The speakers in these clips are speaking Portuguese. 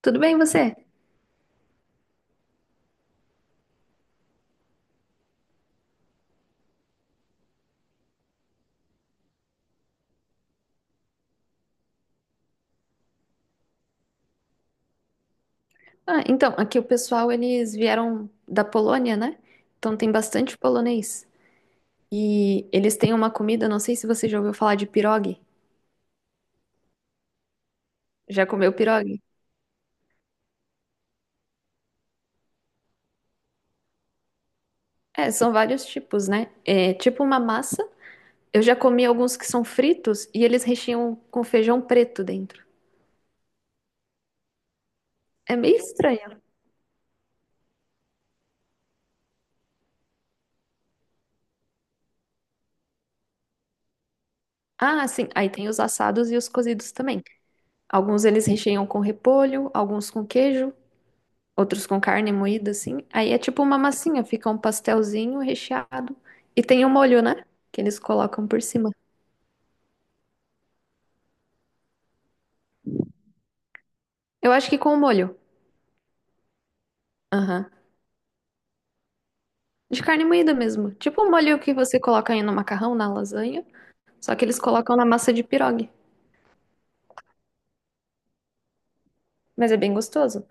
Tudo bem, você? Ah, então, aqui o pessoal, eles vieram da Polônia, né? Então tem bastante polonês. E eles têm uma comida, não sei se você já ouviu falar de pirogue. Já comeu pirogue? É, são vários tipos, né? É tipo uma massa. Eu já comi alguns que são fritos e eles recheiam com feijão preto dentro. É meio estranho. Ah, sim. Aí tem os assados e os cozidos também. Alguns eles recheiam com repolho, alguns com queijo, outros com carne moída, assim. Aí é tipo uma massinha, fica um pastelzinho recheado. E tem o molho, né? Que eles colocam por cima. Eu acho que com o molho. Aham. De carne moída mesmo. Tipo o molho que você coloca aí no macarrão, na lasanha. Só que eles colocam na massa de pirogue. Mas é bem gostoso.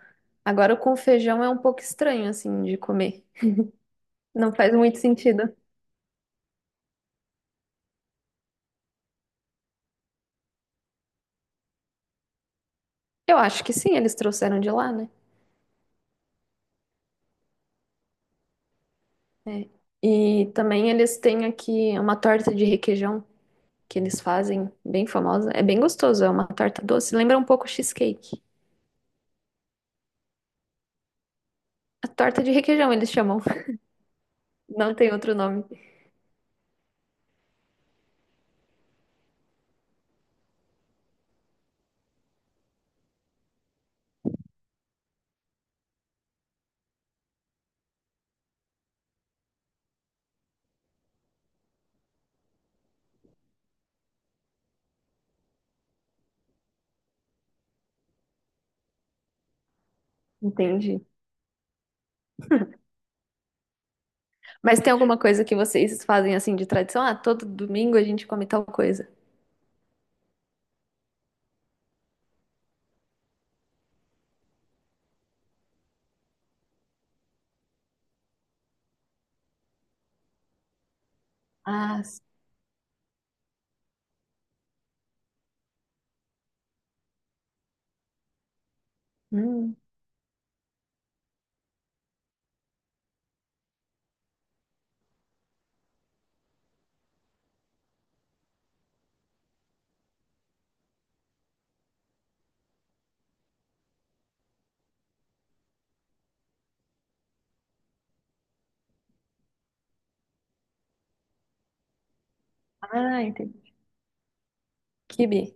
Agora o com feijão é um pouco estranho, assim, de comer. Não faz muito sentido. Eu acho que sim, eles trouxeram de lá, né? É. E também eles têm aqui uma torta de requeijão. Que eles fazem, bem famosa. É bem gostoso, é uma torta doce. Lembra um pouco cheesecake. A torta de requeijão, eles chamam. Não tem outro nome. Entendi. Mas tem alguma coisa que vocês fazem assim de tradição? Ah, todo domingo a gente come tal coisa. Ah, hum. Ah, entendi. Quibe.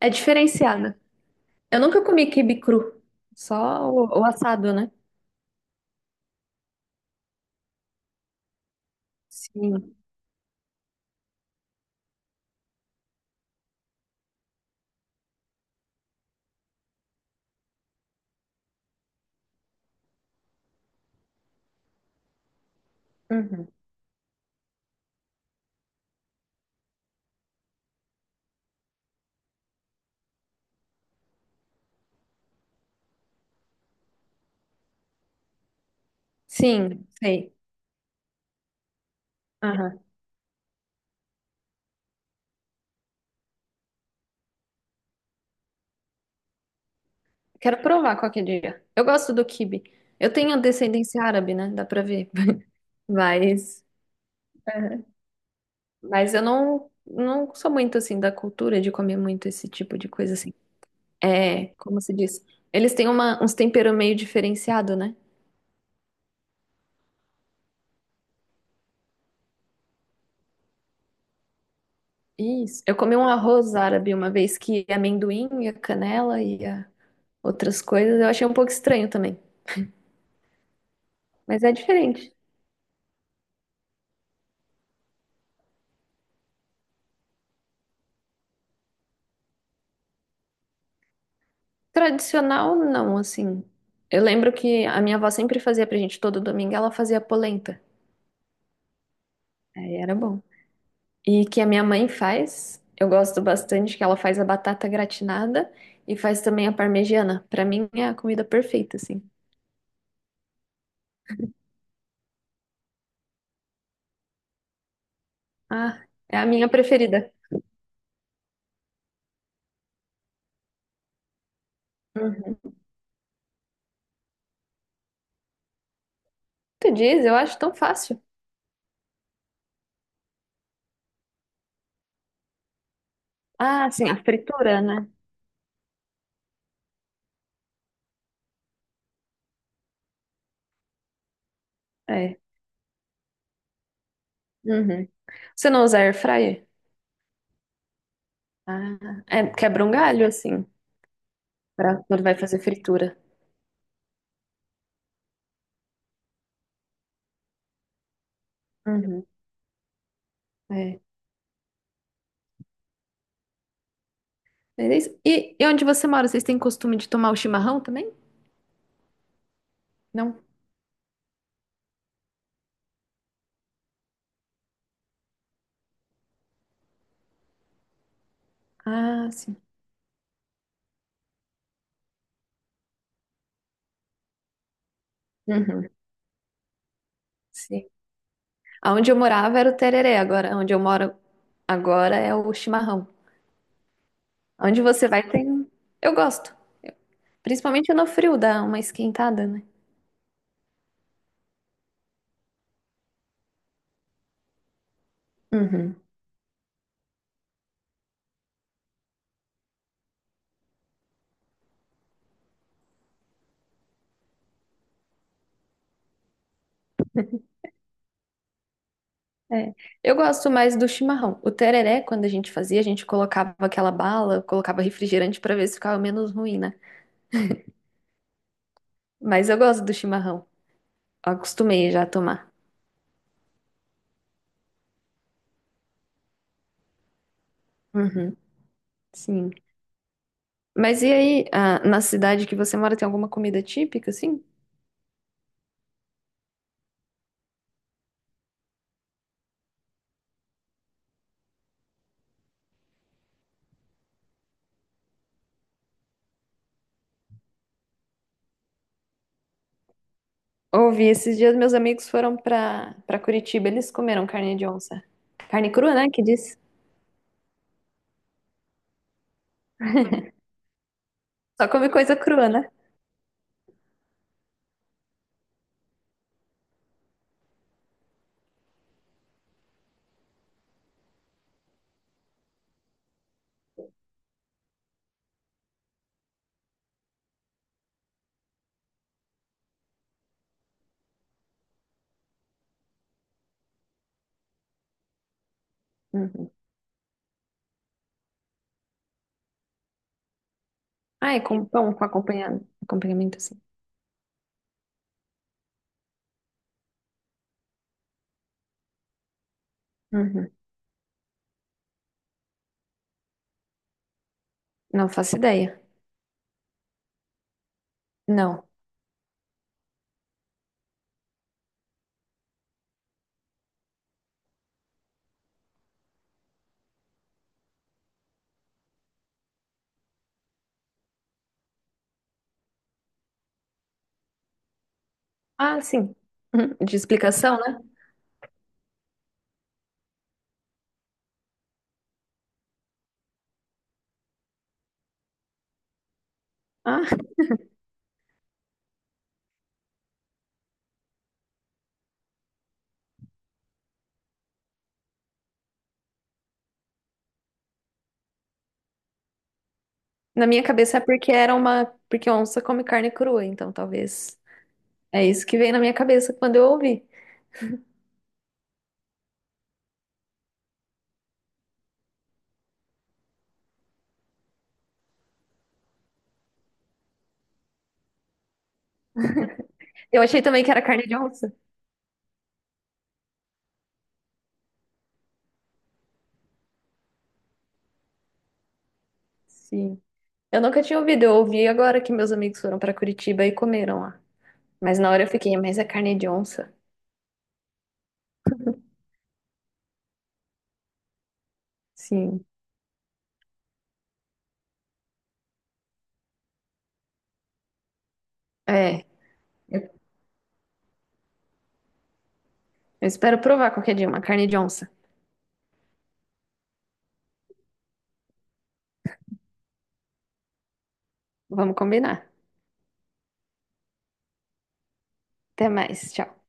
É diferenciado. Eu nunca comi quibe cru. Só o assado, né? Sim. Uhum. Sim, sei. Aham. Quero provar qualquer dia. Eu gosto do quibe. Eu tenho descendência árabe, né? Dá pra ver. Mas, é, mas eu não sou muito assim da cultura de comer muito esse tipo de coisa assim. É, como se diz? Eles têm uns temperos meio diferenciado, né? Isso. Eu comi um arroz árabe uma vez que é amendoim e a canela e a outras coisas. Eu achei um pouco estranho também. Mas é diferente. Tradicional, não, assim. Eu lembro que a minha avó sempre fazia pra gente todo domingo, ela fazia polenta. Aí era bom. E que a minha mãe faz. Eu gosto bastante que ela faz a batata gratinada e faz também a parmegiana. Pra mim é a comida perfeita, assim. Ah, é a minha preferida. Uhum. Tu diz, eu acho tão fácil. Ah, sim, a fritura, né? É. Uhum. Você não usa air fryer? Ah, é, quebra um galho, assim, pra quando vai fazer fritura. Uhum. É. Beleza. E onde você mora? Vocês têm costume de tomar o chimarrão também? Não? Ah, sim. Uhum. Sim. Onde eu morava era o tereré, agora onde eu moro agora é o chimarrão. Onde você vai tem. Eu gosto. Principalmente no frio, dá uma esquentada, né? Uhum. É. Eu gosto mais do chimarrão. O tereré, quando a gente fazia, a gente colocava aquela bala, colocava refrigerante pra ver se ficava menos ruim, né? Mas eu gosto do chimarrão. Acostumei já a tomar. Uhum. Sim. Mas e aí, ah, na cidade que você mora, tem alguma comida típica, assim? Ouvi, esses dias meus amigos foram pra Curitiba, eles comeram carne de onça. Carne crua, né? Que diz. Só come coisa crua, né? Uhum. Ah, é com pão, com acompanhamento, acompanhamento assim. Uhum. Não faço ideia. Não. Ah, sim. Uhum. De explicação, né? Ah, na minha cabeça é porque era uma. Porque onça come carne crua, então talvez. É isso que veio na minha cabeça quando eu ouvi. Eu achei também que era carne de onça. Sim. Eu nunca tinha ouvido, eu ouvi agora que meus amigos foram pra Curitiba e comeram lá. Mas na hora eu fiquei, mas é carne de onça? Sim. É, eu eu espero provar qualquer dia uma carne de onça. Vamos combinar. Até mais, tchau.